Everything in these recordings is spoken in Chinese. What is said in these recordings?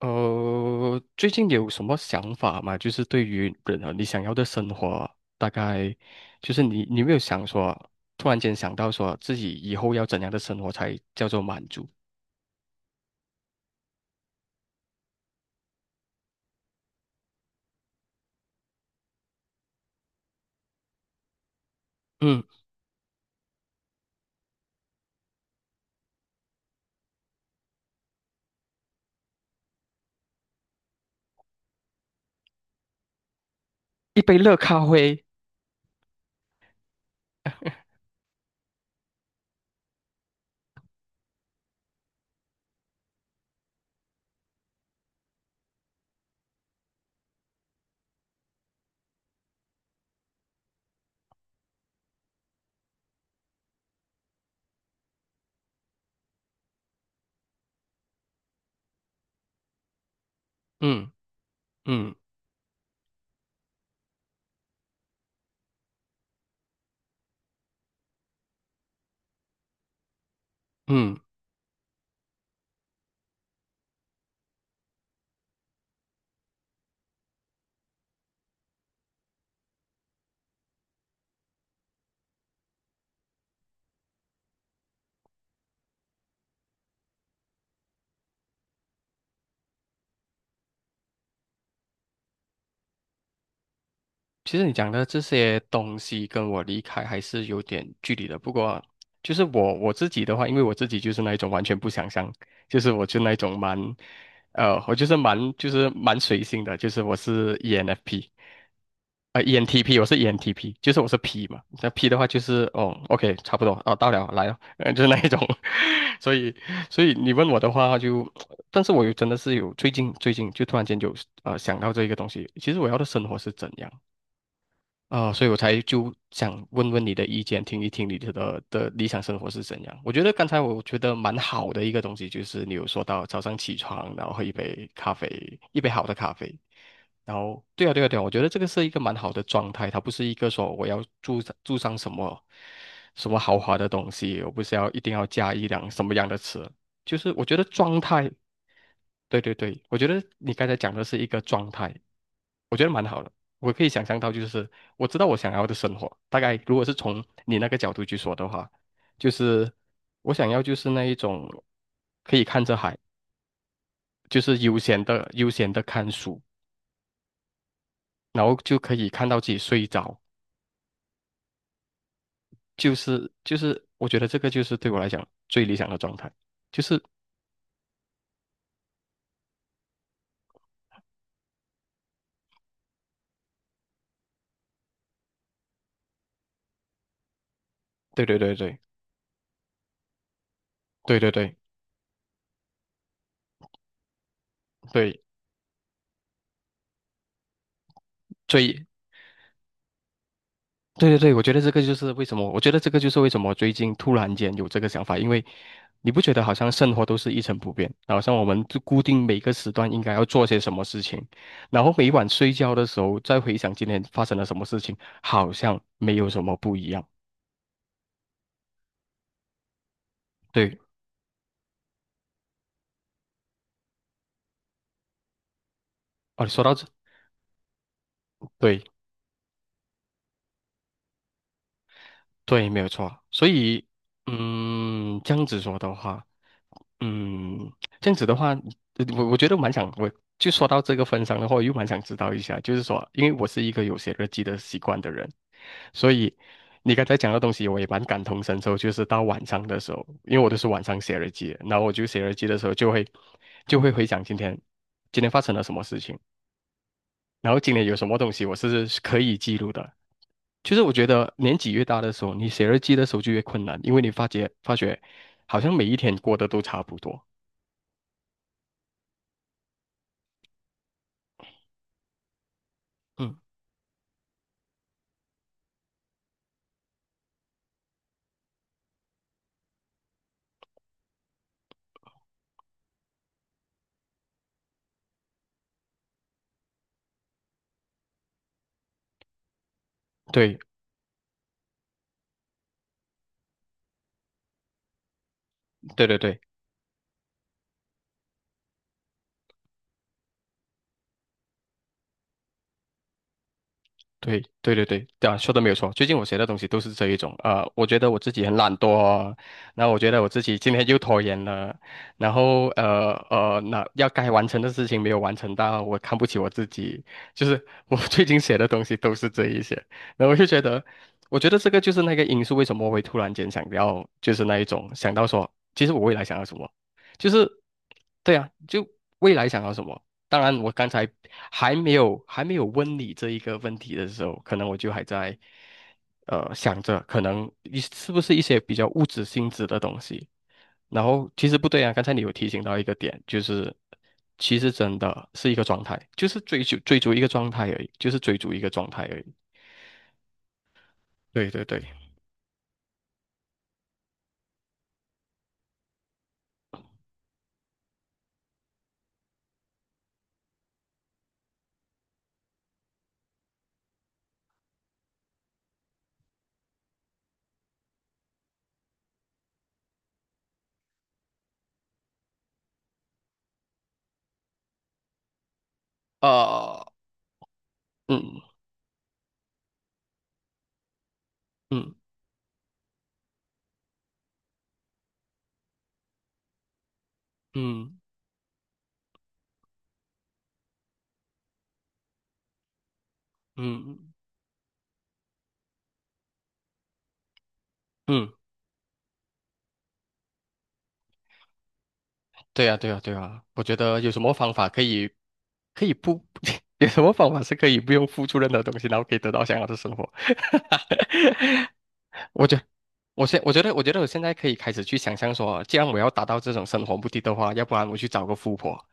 最近有什么想法吗？就是对于人啊，你想要的生活，大概就是你有没有想说，突然间想到说自己以后要怎样的生活才叫做满足？嗯，一杯热咖啡，嗯嗯嗯。其实你讲的这些东西跟我离开还是有点距离的。不过，就是我自己的话，因为我自己就是那一种完全不想象，就是我就那一种蛮，我就是蛮随性的，就是我是 ENFP，ENTP，我是 ENTP，就是我是 P 嘛。那 P 的话就是哦，OK，差不多哦，到了来了，就是那一种。所以，所以你问我的话就，但是我有真的是有最近就突然间有想到这一个东西，其实我要的生活是怎样？啊、所以我才就想问问你的意见，听一听你的理想生活是怎样。我觉得刚才我觉得蛮好的一个东西，就是你有说到早上起床，然后喝一杯咖啡，一杯好的咖啡。然后，对啊，对啊，对啊，我觉得这个是一个蛮好的状态，它不是一个说我要住上什么什么豪华的东西，我不是要一定要加一辆什么样的车，就是我觉得状态，对对对，我觉得你刚才讲的是一个状态，我觉得蛮好的。我可以想象到，就是我知道我想要的生活，大概如果是从你那个角度去说的话，就是我想要就是那一种可以看着海，就是悠闲的看书，然后就可以看到自己睡着，就是我觉得这个就是对我来讲最理想的状态，就是对对对对对对对对，最对对对，我觉得这个就是为什么最近突然间有这个想法，因为你不觉得好像生活都是一成不变，好像我们就固定每个时段应该要做些什么事情，然后每晚睡觉的时候再回想今天发生了什么事情，好像没有什么不一样。对，哦，你说到这，对对，没有错。所以，这样子说的话。嗯，这样子的话，我觉得蛮想，我就说到这个份上的话，我又蛮想知道一下，就是说，因为我是一个有写日记的习惯的人，所以你刚才讲的东西，我也蛮感同身受。就是到晚上的时候，因为我都是晚上写日记的然后我就写日记的时候就会回想今天发生了什么事情，然后今天有什么东西我是可以记录的。就是我觉得年纪越大的时候，你写日记的时候就越困难，因为你发觉好像每一天过得都差不多。嗯。对对对对对对对对，对啊，说的没有错。最近我写的东西都是这一种，我觉得我自己很懒惰哦，那我觉得我自己今天又拖延了，然后那要该完成的事情没有完成到，我看不起我自己，就是我 最近写的东西都是这一些，然后我觉得这个就是那个因素，为什么我会突然间想要，就是那一种想到说，其实我未来想要什么，就是对啊，就未来想要什么。当然，我刚才还没有问你这一个问题的时候，可能我就还在想着，可能是不是一些比较物质性质的东西。然后其实不对啊，刚才你有提醒到一个点，就是其实真的是一个状态，就是追逐一个状态而已，就是追逐一个状态而已。对对对，啊，嗯嗯嗯嗯嗯嗯。对呀，对呀，对呀，我觉得有什么方法可以，可以不，有什么方法是可以不用付出任何东西，然后可以得到想要的生活？我觉，我觉得我现在可以开始去想象说，既然我要达到这种生活目的的话，要不然我去找个富婆，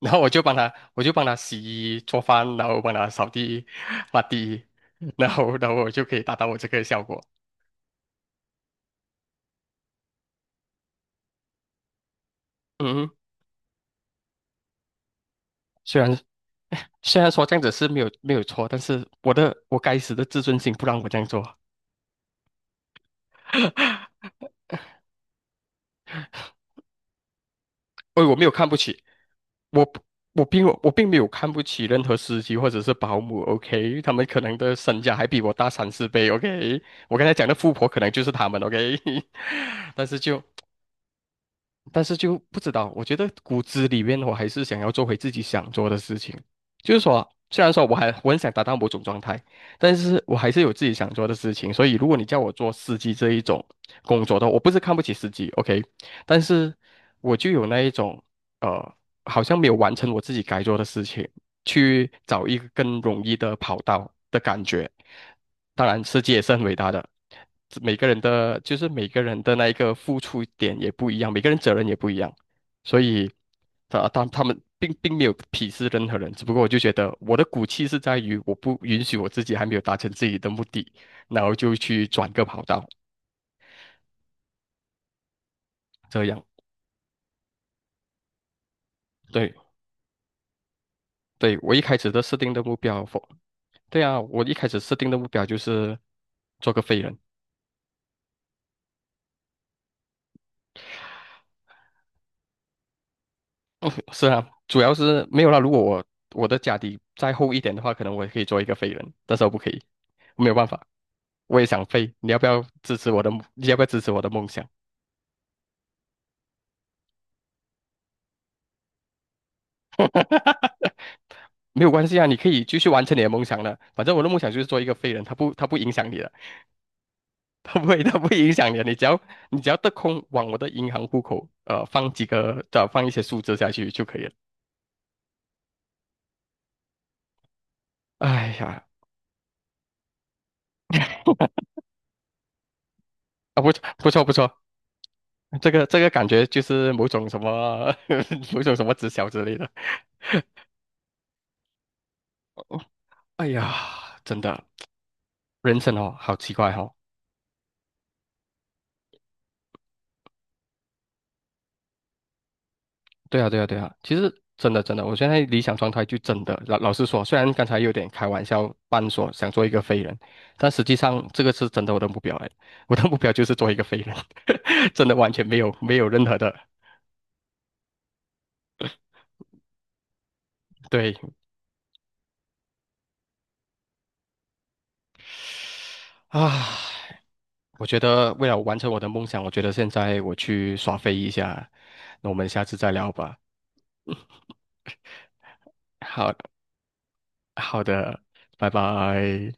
然后我就帮她洗衣做饭，然后帮她扫地、抹地，然后我就可以达到我这个效果。嗯，虽然虽然说这样子是没有错，但是我该死的自尊心不让我这样做。我没有看不起，我不我并没有看不起任何司机或者是保姆，OK，他们可能的身价还比我大三四倍，OK，我刚才讲的富婆可能就是他们，OK，但是就但是就不知道，我觉得骨子里面我还是想要做回自己想做的事情。就是说，虽然说我很想达到某种状态，但是我还是有自己想做的事情。所以，如果你叫我做司机这一种工作的话，我不是看不起司机，OK，但是我就有那一种。呃。好像没有完成我自己该做的事情，去找一个更容易的跑道的感觉。当然，世界也是很伟大的，每个人的那一个付出点也不一样，每个人责任也不一样，所以他们并没有鄙视任何人，只不过我就觉得我的骨气是在于我不允许我自己还没有达成自己的目的，然后就去转个跑道，这样。对对，我一开始的设定的目标，对啊，我一开始设定的目标就是。做个废人。是啊，主要是没有啦。如果我的家底再厚一点的话，可能我也可以做一个废人，但是我不可以，没有办法。我也想飞，你要不要支持我的？你要不要支持我的梦想？没有关系啊，你可以继续完成你的梦想的。反正我的梦想就是做一个废人，他不影响你的，他不会影响你的。你只要得空往我的银行户口放几个，放一些数字下去就可以了。哎呀，啊不不错不错，这个感觉就是某种什么 某种什么直销之类的。哦，哎呀，真的，人生哦，好奇怪哦。对啊，对啊，对啊，其实真的真的，我现在理想状态就真的老老实说，虽然刚才有点开玩笑，半说想做一个废人，但实际上这个是真的我的目标哎，我的目标就是做一个废人，真的完全没有任何的对啊。我觉得为了完成我的梦想，我觉得现在我去耍飞一下，那我们下次再聊吧。好好的，拜拜。